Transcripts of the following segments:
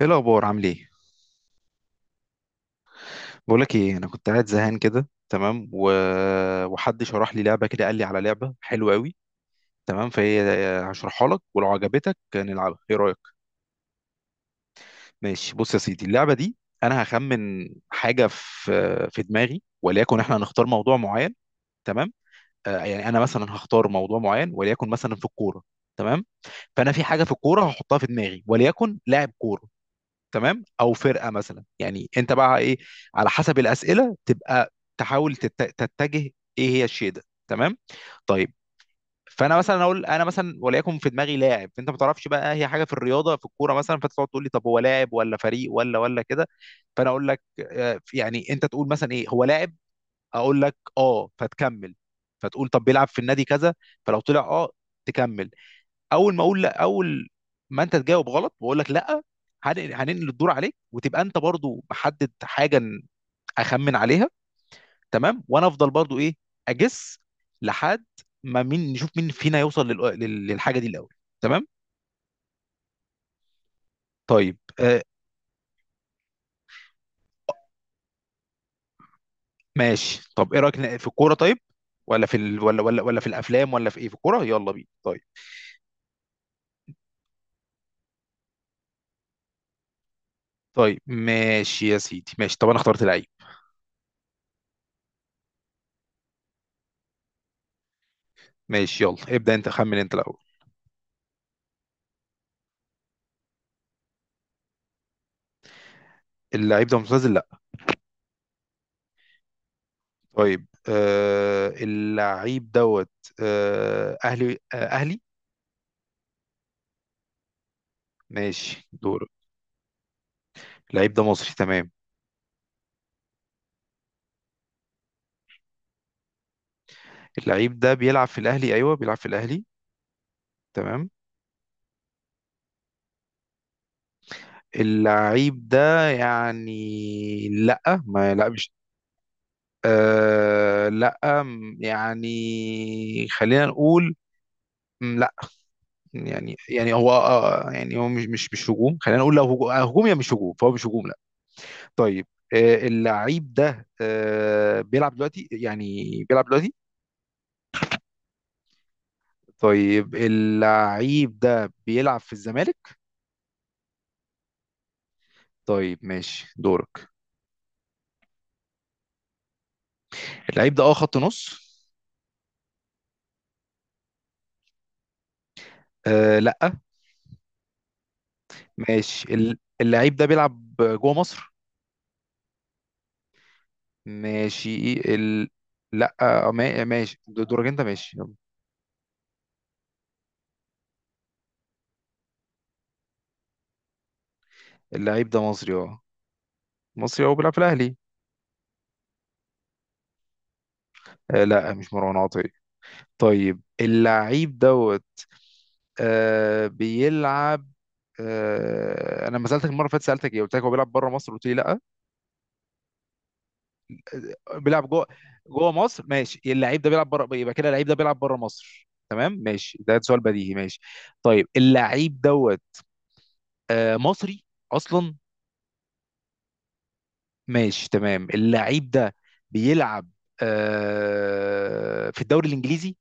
ايه الاخبار، عامل ايه؟ بقول لك ايه، انا كنت قاعد زهقان كده، تمام، وحد شرح لي لعبه كده، قال لي على لعبه حلوه قوي، تمام، فهي هشرحها لك ولو عجبتك نلعبها، ايه رايك؟ ماشي، بص يا سيدي، اللعبه دي انا هخمن حاجه في دماغي، وليكن احنا هنختار موضوع معين، تمام. يعني انا مثلا هختار موضوع معين، وليكن مثلا في الكوره، تمام. فانا في حاجه في الكوره هحطها في دماغي، وليكن لاعب كوره، تمام، او فرقه مثلا، يعني انت بقى ايه؟ على حسب الاسئله تبقى تحاول تتجه ايه هي الشيء ده، تمام. طيب، فانا مثلا اقول، انا مثلا وليكن في دماغي لاعب انت ما تعرفش بقى هي حاجه في الرياضه في الكوره مثلا، فتقعد تقول لي طب هو لاعب ولا فريق ولا كده. فانا اقول لك، يعني انت تقول مثلا ايه هو لاعب، اقول لك اه فتكمل. فتقول طب بيلعب في النادي كذا، فلو طلع اه تكمل. اول ما اقول لا، اول ما انت تجاوب غلط بقول لك لا، هننقل الدور عليك وتبقى انت برضو محدد حاجه اخمن عليها، تمام. وانا افضل برضو ايه، اجس لحد ما مين، نشوف مين فينا يوصل للحاجه دي الاول، تمام. طيب، ماشي، طب ايه رايك في الكوره؟ طيب، ولا في الافلام، ولا في ايه، في الكوره، يلا بينا، طيب. طيب ماشي يا سيدي، ماشي، طب انا اخترت لعيب. ماشي، يلا ابدا انت، خمن انت الاول. اللعيب ده معتزل؟ لا. طيب، اللعيب دوت، آه اهلي؟ آه اهلي؟ ماشي، دور. اللعيب ده مصري، تمام. اللعيب ده بيلعب في الاهلي، ايوه بيلعب في الاهلي، تمام. اللعيب ده يعني لا، ما لا، مش، لا، يعني خلينا نقول، لا، يعني هو، يعني هو مش هجوم، خلينا نقول لو هجوم، هجوم يا مش هجوم، فهو مش هجوم، لا. طيب، اللعيب ده بيلعب دلوقتي يعني، بيلعب دلوقتي؟ طيب، اللعيب ده بيلعب في الزمالك؟ طيب، ماشي دورك. اللعيب ده خط نص. آه، لا. ماشي، اللعيب ده بيلعب جوه مصر؟ ماشي، لا، ماشي دورك انت، ماشي يلا. اللعيب ده مصري، اه، مصري اه، بيلعب في الاهلي. آه، لا، مش مروان عطية. طيب، اللعيب ده بيلعب. انا لما سالتك المره اللي فاتت سالتك ايه، قلت لك هو بيلعب بره مصر، قلت لي لا. بيلعب جوه مصر، ماشي. اللعيب ده بيلعب بره، يبقى كده اللعيب ده بيلعب بره مصر، تمام، ماشي، ده سؤال بديهي، ماشي. طيب، اللعيب دوت مصري اصلا. ماشي، تمام. اللعيب ده بيلعب في الدوري الانجليزي؟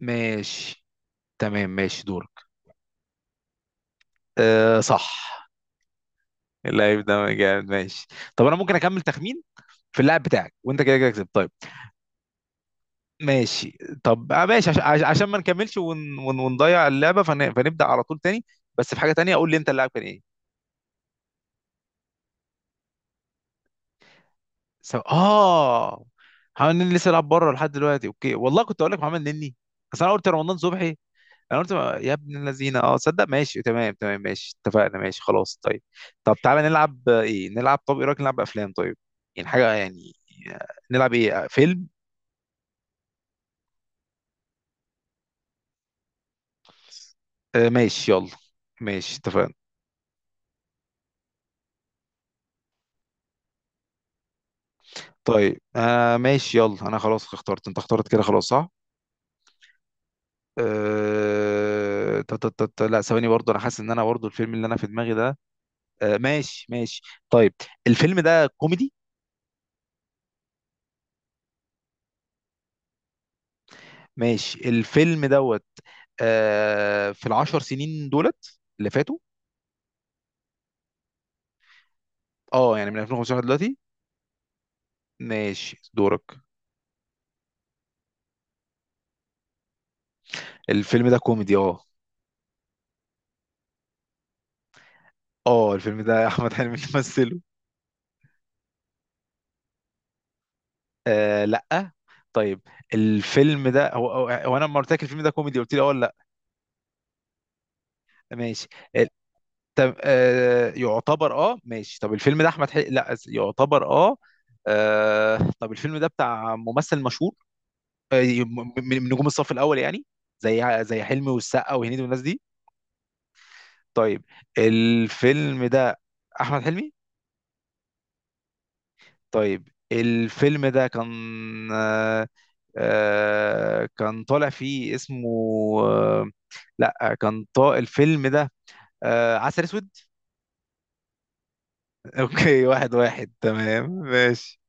ماشي، تمام، ماشي دورك. آه، صح. اللعيب ده جامد، ماشي. طب انا ممكن اكمل تخمين في اللاعب بتاعك وانت كده كده كسبت؟ طيب، ماشي. طب، ماشي، عشان ما نكملش ونضيع اللعبه، فنبدا على طول تاني. بس في حاجه تانيه، قول لي انت اللاعب كان ايه؟ اه، محمد نني لسه لعب بره لحد دلوقتي، اوكي، والله كنت اقول لك محمد نني، بس انا قلت رمضان صبحي. انا قلت يا ابن الذين، اه صدق، ماشي، تمام تمام، ماشي اتفقنا، ماشي خلاص، طيب. طب تعالى نلعب، ايه نلعب؟ طب ايه رايك نلعب افلام؟ طيب، يعني حاجه يعني. نلعب ايه، فيلم. ماشي، يلا. ماشي اتفقنا. طيب، ماشي، يلا، انا خلاص اخترت، انت اخترت كده خلاص، صح؟ لا، ثواني، برضو انا حاسس ان انا برضو الفيلم اللي انا في دماغي ده. ماشي ماشي. طيب، الفيلم ده كوميدي؟ ماشي. الفيلم دوت في العشر سنين دولت اللي فاتوا. اه، يعني من 2015 دلوقتي. ماشي، دورك. الفيلم ده كوميدي، اه. اه، الفيلم ده احمد حلمي اللي مثله. آه، لا. طيب، الفيلم ده هو، هو انا لما قلت لك الفيلم ده كوميدي قلت لي اه ولا لا؟ ماشي. طب، يعتبر اه، ماشي. طب الفيلم ده احمد حلمي؟ لا، يعتبر اه. طب الفيلم ده بتاع ممثل مشهور، من نجوم الصف الاول يعني؟ زي حلمي والسقا وهنيدي والناس دي. طيب، الفيلم ده احمد حلمي. طيب، الفيلم ده كان، آه، كان طالع فيه اسمه، آه، لا، كان طا الفيلم ده عسل اسود. اوكي، واحد واحد، تمام، ماشي.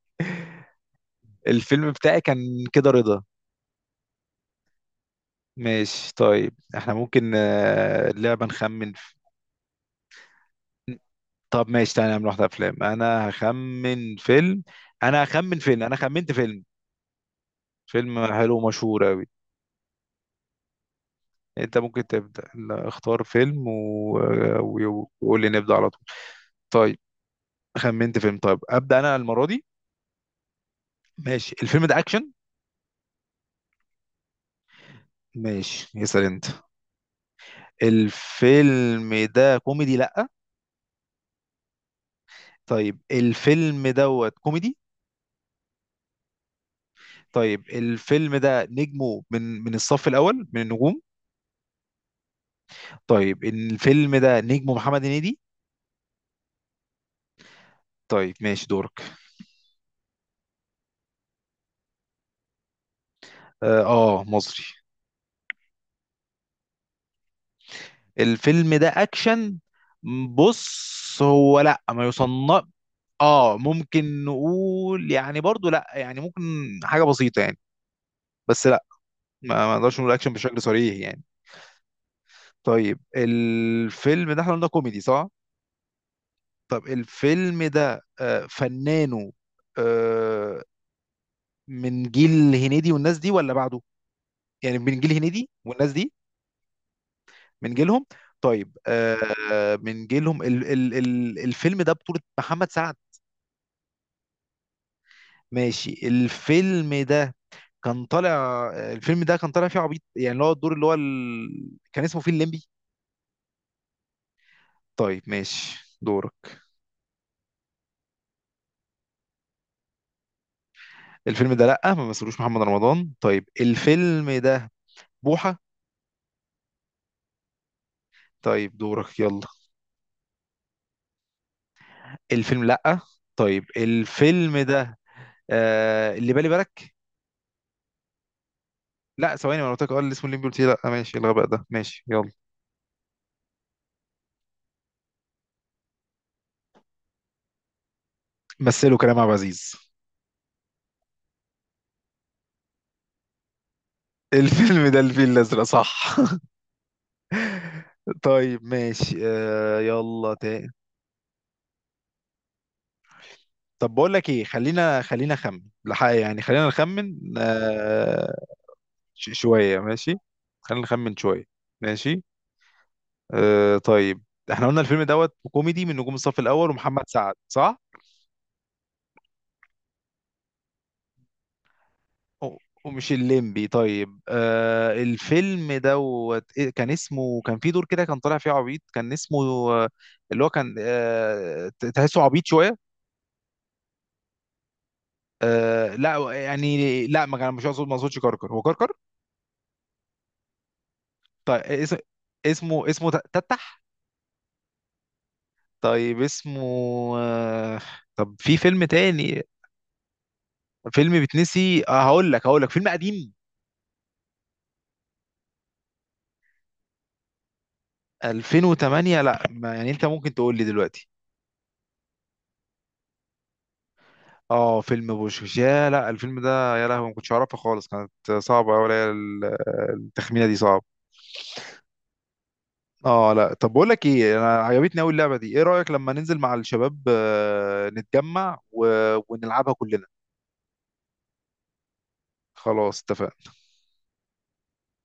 الفيلم بتاعي كان كده رضا. ماشي، طيب، احنا ممكن اللعبة نخمن طب ماشي، تعالى نعمل واحدة أفلام، أنا خمنت فيلم. فيلم حلو ومشهور أوي. أنت ممكن تبدأ، لا، اختار فيلم وقول لي نبدأ على طول. طيب، خمنت فيلم. طيب، أبدأ أنا المرة دي. ماشي، الفيلم ده أكشن؟ ماشي، يسأل أنت. الفيلم ده كوميدي، لأ. طيب، الفيلم دوت كوميدي. طيب، الفيلم ده نجمه من الصف الأول من النجوم؟ طيب، الفيلم ده نجمه محمد هنيدي؟ طيب، ماشي دورك. اه، مصري. الفيلم ده أكشن؟ بص، هو لا، ما يصنف. اه، ممكن نقول يعني، برضو لا، يعني ممكن، حاجة بسيطة يعني، بس لا. ما نقدرش نقول أكشن بشكل صريح يعني. طيب، الفيلم ده احنا قلنا كوميدي صح؟ طب، الفيلم ده فنانه آه، من جيل هنيدي والناس دي ولا بعده؟ يعني من جيل هنيدي والناس دي؟ من جيلهم. طيب، من جيلهم، ال ال ال الفيلم ده بطولة محمد سعد؟ ماشي، كان طالع الفيلم ده كان طالع فيه عبيط يعني، اللي هو الدور، اللي هو كان اسمه فيه الليمبي؟ طيب، ماشي دورك. الفيلم ده لأ، ما مثلوش محمد رمضان. طيب، الفيلم ده بوحة. طيب، دورك يلا. الفيلم، لأ. طيب، الفيلم ده اللي بالي بالك. لا، ثواني، ما أنا قلت لك اللي اسمه الليمبي قلت لي لا، ماشي، الغباء ده، ماشي يلا. مثله كريم عبد العزيز. الفيلم ده الفيل الازرق، صح. طيب، ماشي، يلا تاني. طب بقول لك ايه، خلينا نخمن لحق، يعني خلينا نخمن شويه، ماشي. خلينا نخمن شويه. ماشي، طيب. احنا قلنا الفيلم دوت كوميدي، من نجوم الصف الاول ومحمد سعد، صح، و- ومش الليمبي. طيب، الفيلم دوت إيه كان اسمه؟ كان في دور كده كان طالع فيه عبيط، كان اسمه آه، اللي هو كان تحسه عبيط شويه. لا، يعني لا، ما كان، مش اقصد، ما اقصدش كركر، هو كركر. طيب، اسمه تتح. طيب، اسمه آه طب، في فيلم تاني. فيلم بتنسي، هقول لك فيلم قديم. 2008؟ لا ما يعني، انت ممكن تقول لي دلوقتي. اه، فيلم بوشكش، يا لا، الفيلم ده، يا لهوي ما كنتش اعرفه خالص، كانت صعبه قوي التخمينه دي، صعب. اه لا، طب بقول لك ايه، انا عجبتني قوي اللعبه دي، ايه رايك لما ننزل مع الشباب نتجمع ونلعبها كلنا. خلاص اتفقنا.